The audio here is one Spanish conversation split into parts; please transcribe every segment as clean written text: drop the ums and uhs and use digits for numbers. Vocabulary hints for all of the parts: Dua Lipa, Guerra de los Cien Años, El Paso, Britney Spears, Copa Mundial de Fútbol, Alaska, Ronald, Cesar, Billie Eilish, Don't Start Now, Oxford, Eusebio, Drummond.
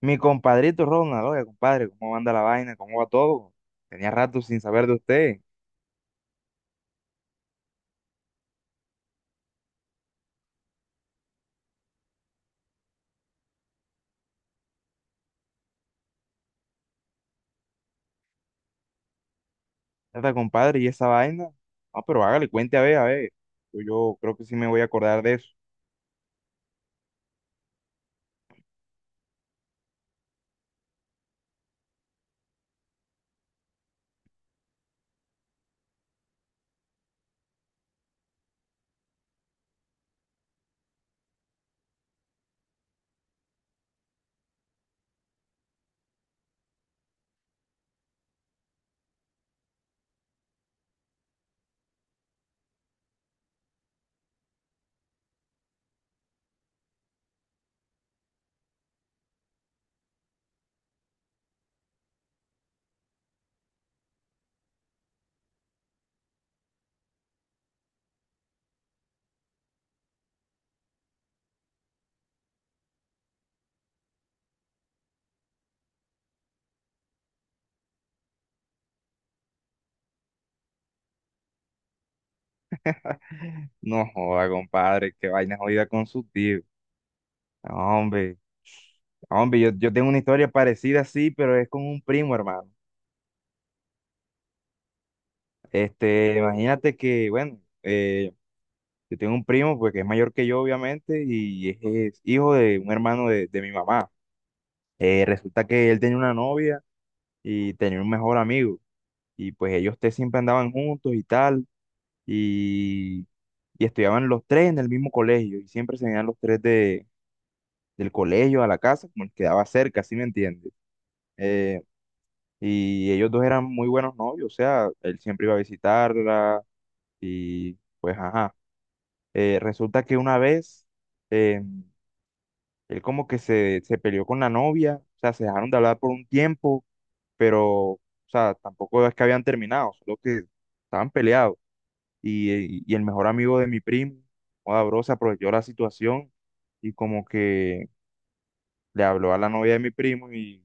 Mi compadrito Ronald, oiga, compadre, ¿cómo anda la vaina? ¿Cómo va todo? Tenía rato sin saber de usted. Está, compadre, ¿y esa vaina? No, pero hágale, cuente a ver, a ver. Yo creo que sí me voy a acordar de eso. No joda, compadre, qué vaina jodida con su tío. Hombre. No, hombre, yo tengo una historia parecida, sí, pero es con un primo, hermano. Imagínate que, bueno, yo tengo un primo, pues, que es mayor que yo, obviamente, y es hijo de un hermano de mi mamá. Resulta que él tenía una novia y tenía un mejor amigo. Y pues ellos tres siempre andaban juntos y tal, y, y estudiaban los tres en el mismo colegio, y siempre se venían los tres de, del colegio a la casa, como el que quedaba cerca, ¿sí me entiendes? Eh, y ellos dos eran muy buenos novios, o sea, él siempre iba a visitarla, y pues ajá. Resulta que una vez eh, él como que se peleó con la novia, o sea, se dejaron de hablar por un tiempo pero, o sea, tampoco es que habían terminado, solo que estaban peleados. Y el mejor amigo de mi primo, joda, bro, se aprovechó la situación y como que le habló a la novia de mi primo y,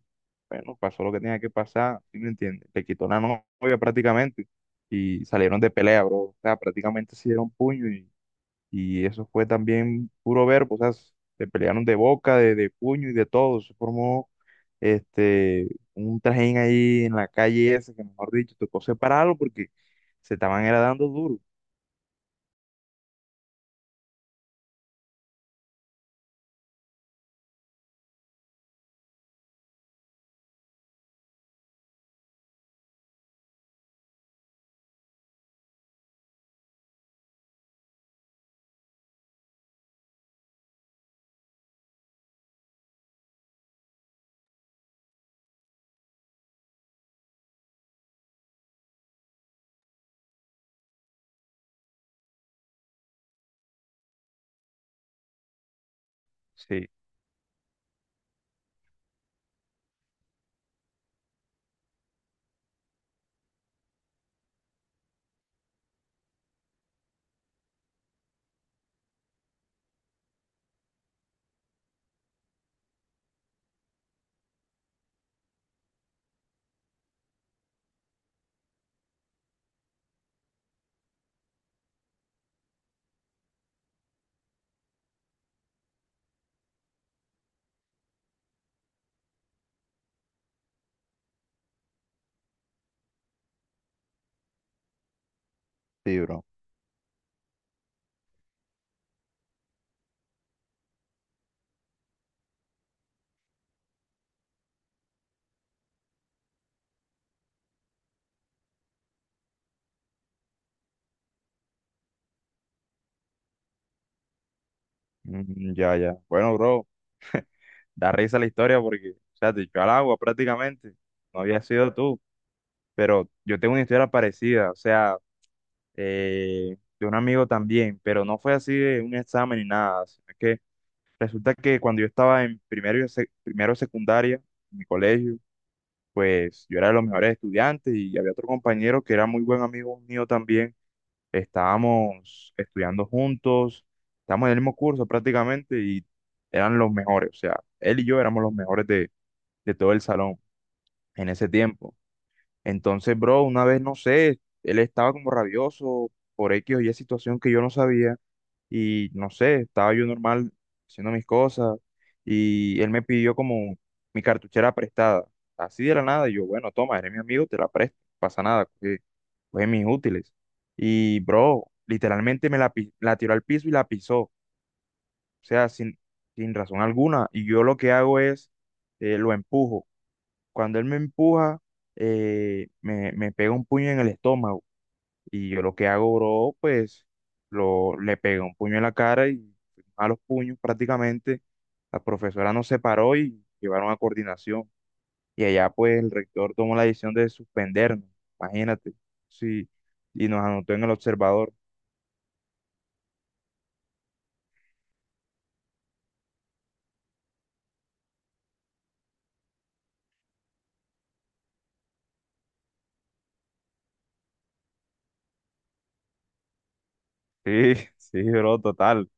bueno, pasó lo que tenía que pasar, ¿sí me entiendes? Le quitó la novia prácticamente y salieron de pelea, bro. O sea, prácticamente se dieron puño y eso fue también puro verbo, o sea, se pelearon de boca, de puño y de todo. Se formó este, un trajín ahí en la calle esa, que mejor dicho, tocó separarlo porque se estaban era dando duro. Sí, sí, bro. Mm, ya, ya. Bueno, bro, da risa la historia porque, o sea, te echó al agua prácticamente. No había sido tú, pero yo tengo una historia parecida, o sea, de un amigo también, pero no fue así de un examen ni nada, sino que resulta que cuando yo estaba en primero, y primero de secundaria, en mi colegio, pues yo era de los mejores estudiantes y había otro compañero que era muy buen amigo mío también. Estábamos estudiando juntos, estábamos en el mismo curso prácticamente y eran los mejores. O sea, él y yo éramos los mejores de todo el salón en ese tiempo. Entonces, bro, una vez, no sé, él estaba como rabioso por X o Y situación que yo no sabía y no sé, estaba yo normal haciendo mis cosas y él me pidió como mi cartuchera prestada, así de la nada, y yo, bueno, toma, eres mi amigo, te la presto, no pasa nada, coge, coge mis útiles. Y bro, literalmente me la tiró al piso y la pisó, o sea, sin, sin razón alguna, y yo lo que hago es, lo empujo. Cuando él me empuja, me pega un puño en el estómago. Y yo lo que hago, bro, pues le pegué un puño en la cara y a los puños prácticamente. La profesora nos separó y llevaron a coordinación. Y allá pues el rector tomó la decisión de suspendernos, imagínate. Sí, y nos anotó en el observador. Sí, sí, bro, total.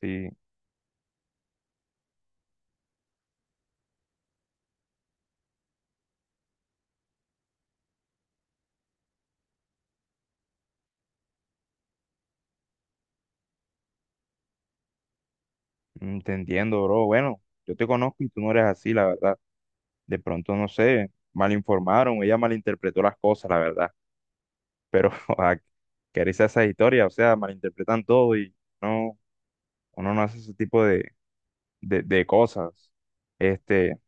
Sí, mm, te entiendo, bro. Bueno, yo te conozco y tú no eres así, la verdad. De pronto, no sé, mal informaron, ella malinterpretó las cosas, la verdad. Pero a quererse a esa historia, o sea, malinterpretan todo y no, uno no hace ese tipo de cosas. Este,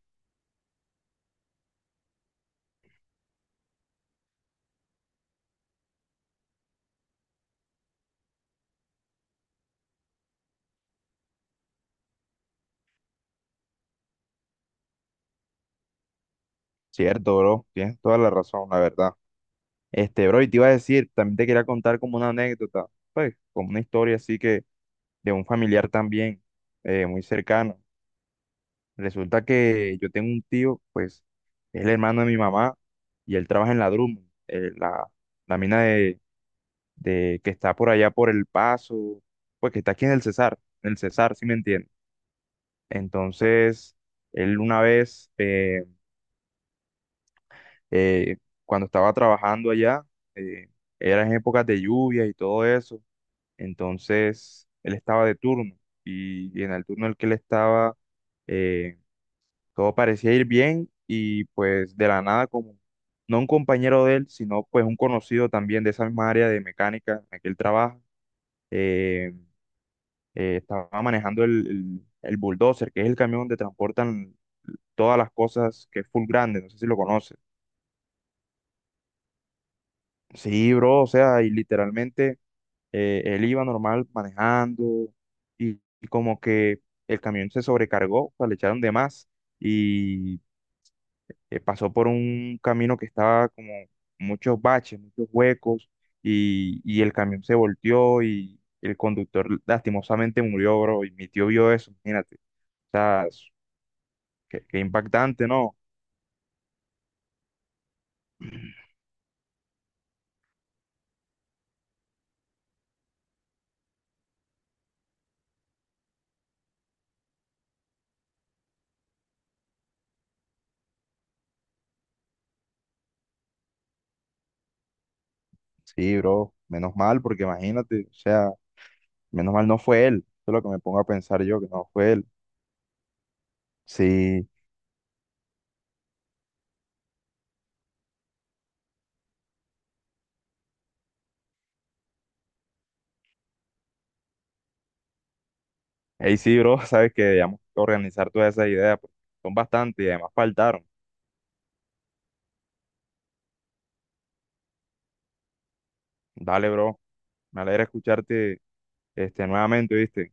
cierto, bro, tienes toda la razón, la verdad. Este, bro, y te iba a decir, también te quería contar como una anécdota, pues, como una historia así que de un familiar también, muy cercano. Resulta que yo tengo un tío, pues, es el hermano de mi mamá y él trabaja en la Drummond, la mina de que está por allá por El Paso, pues que está aquí en el Cesar, si me entiendes. Entonces, él una vez, eh, cuando estaba trabajando allá, eh, era en épocas de lluvia y todo eso, entonces él estaba de turno y en el turno en el que él estaba, eh, todo parecía ir bien y pues de la nada como... No un compañero de él, sino pues un conocido también de esa misma área de mecánica en la que él trabaja, eh, estaba manejando el bulldozer, que es el camión donde transportan todas las cosas que es full grande, no sé si lo conoces. Sí, bro, o sea, y literalmente él iba normal manejando y como que el camión se sobrecargó, o sea, le echaron de más y pasó por un camino que estaba como muchos baches, muchos huecos y el camión se volteó y el conductor lastimosamente murió, bro, y mi tío vio eso, imagínate. O sea, qué, qué impactante, ¿no? Sí, bro, menos mal, porque imagínate, o sea, menos mal no fue él. Eso es lo que me pongo a pensar yo, que no fue él. Sí, ahí sí, bro, sabes que debíamos organizar todas esas ideas, porque son bastantes y además faltaron. Dale, bro, me alegra escucharte este, nuevamente, ¿viste?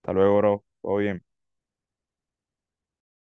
Hasta luego, bro, todo bien.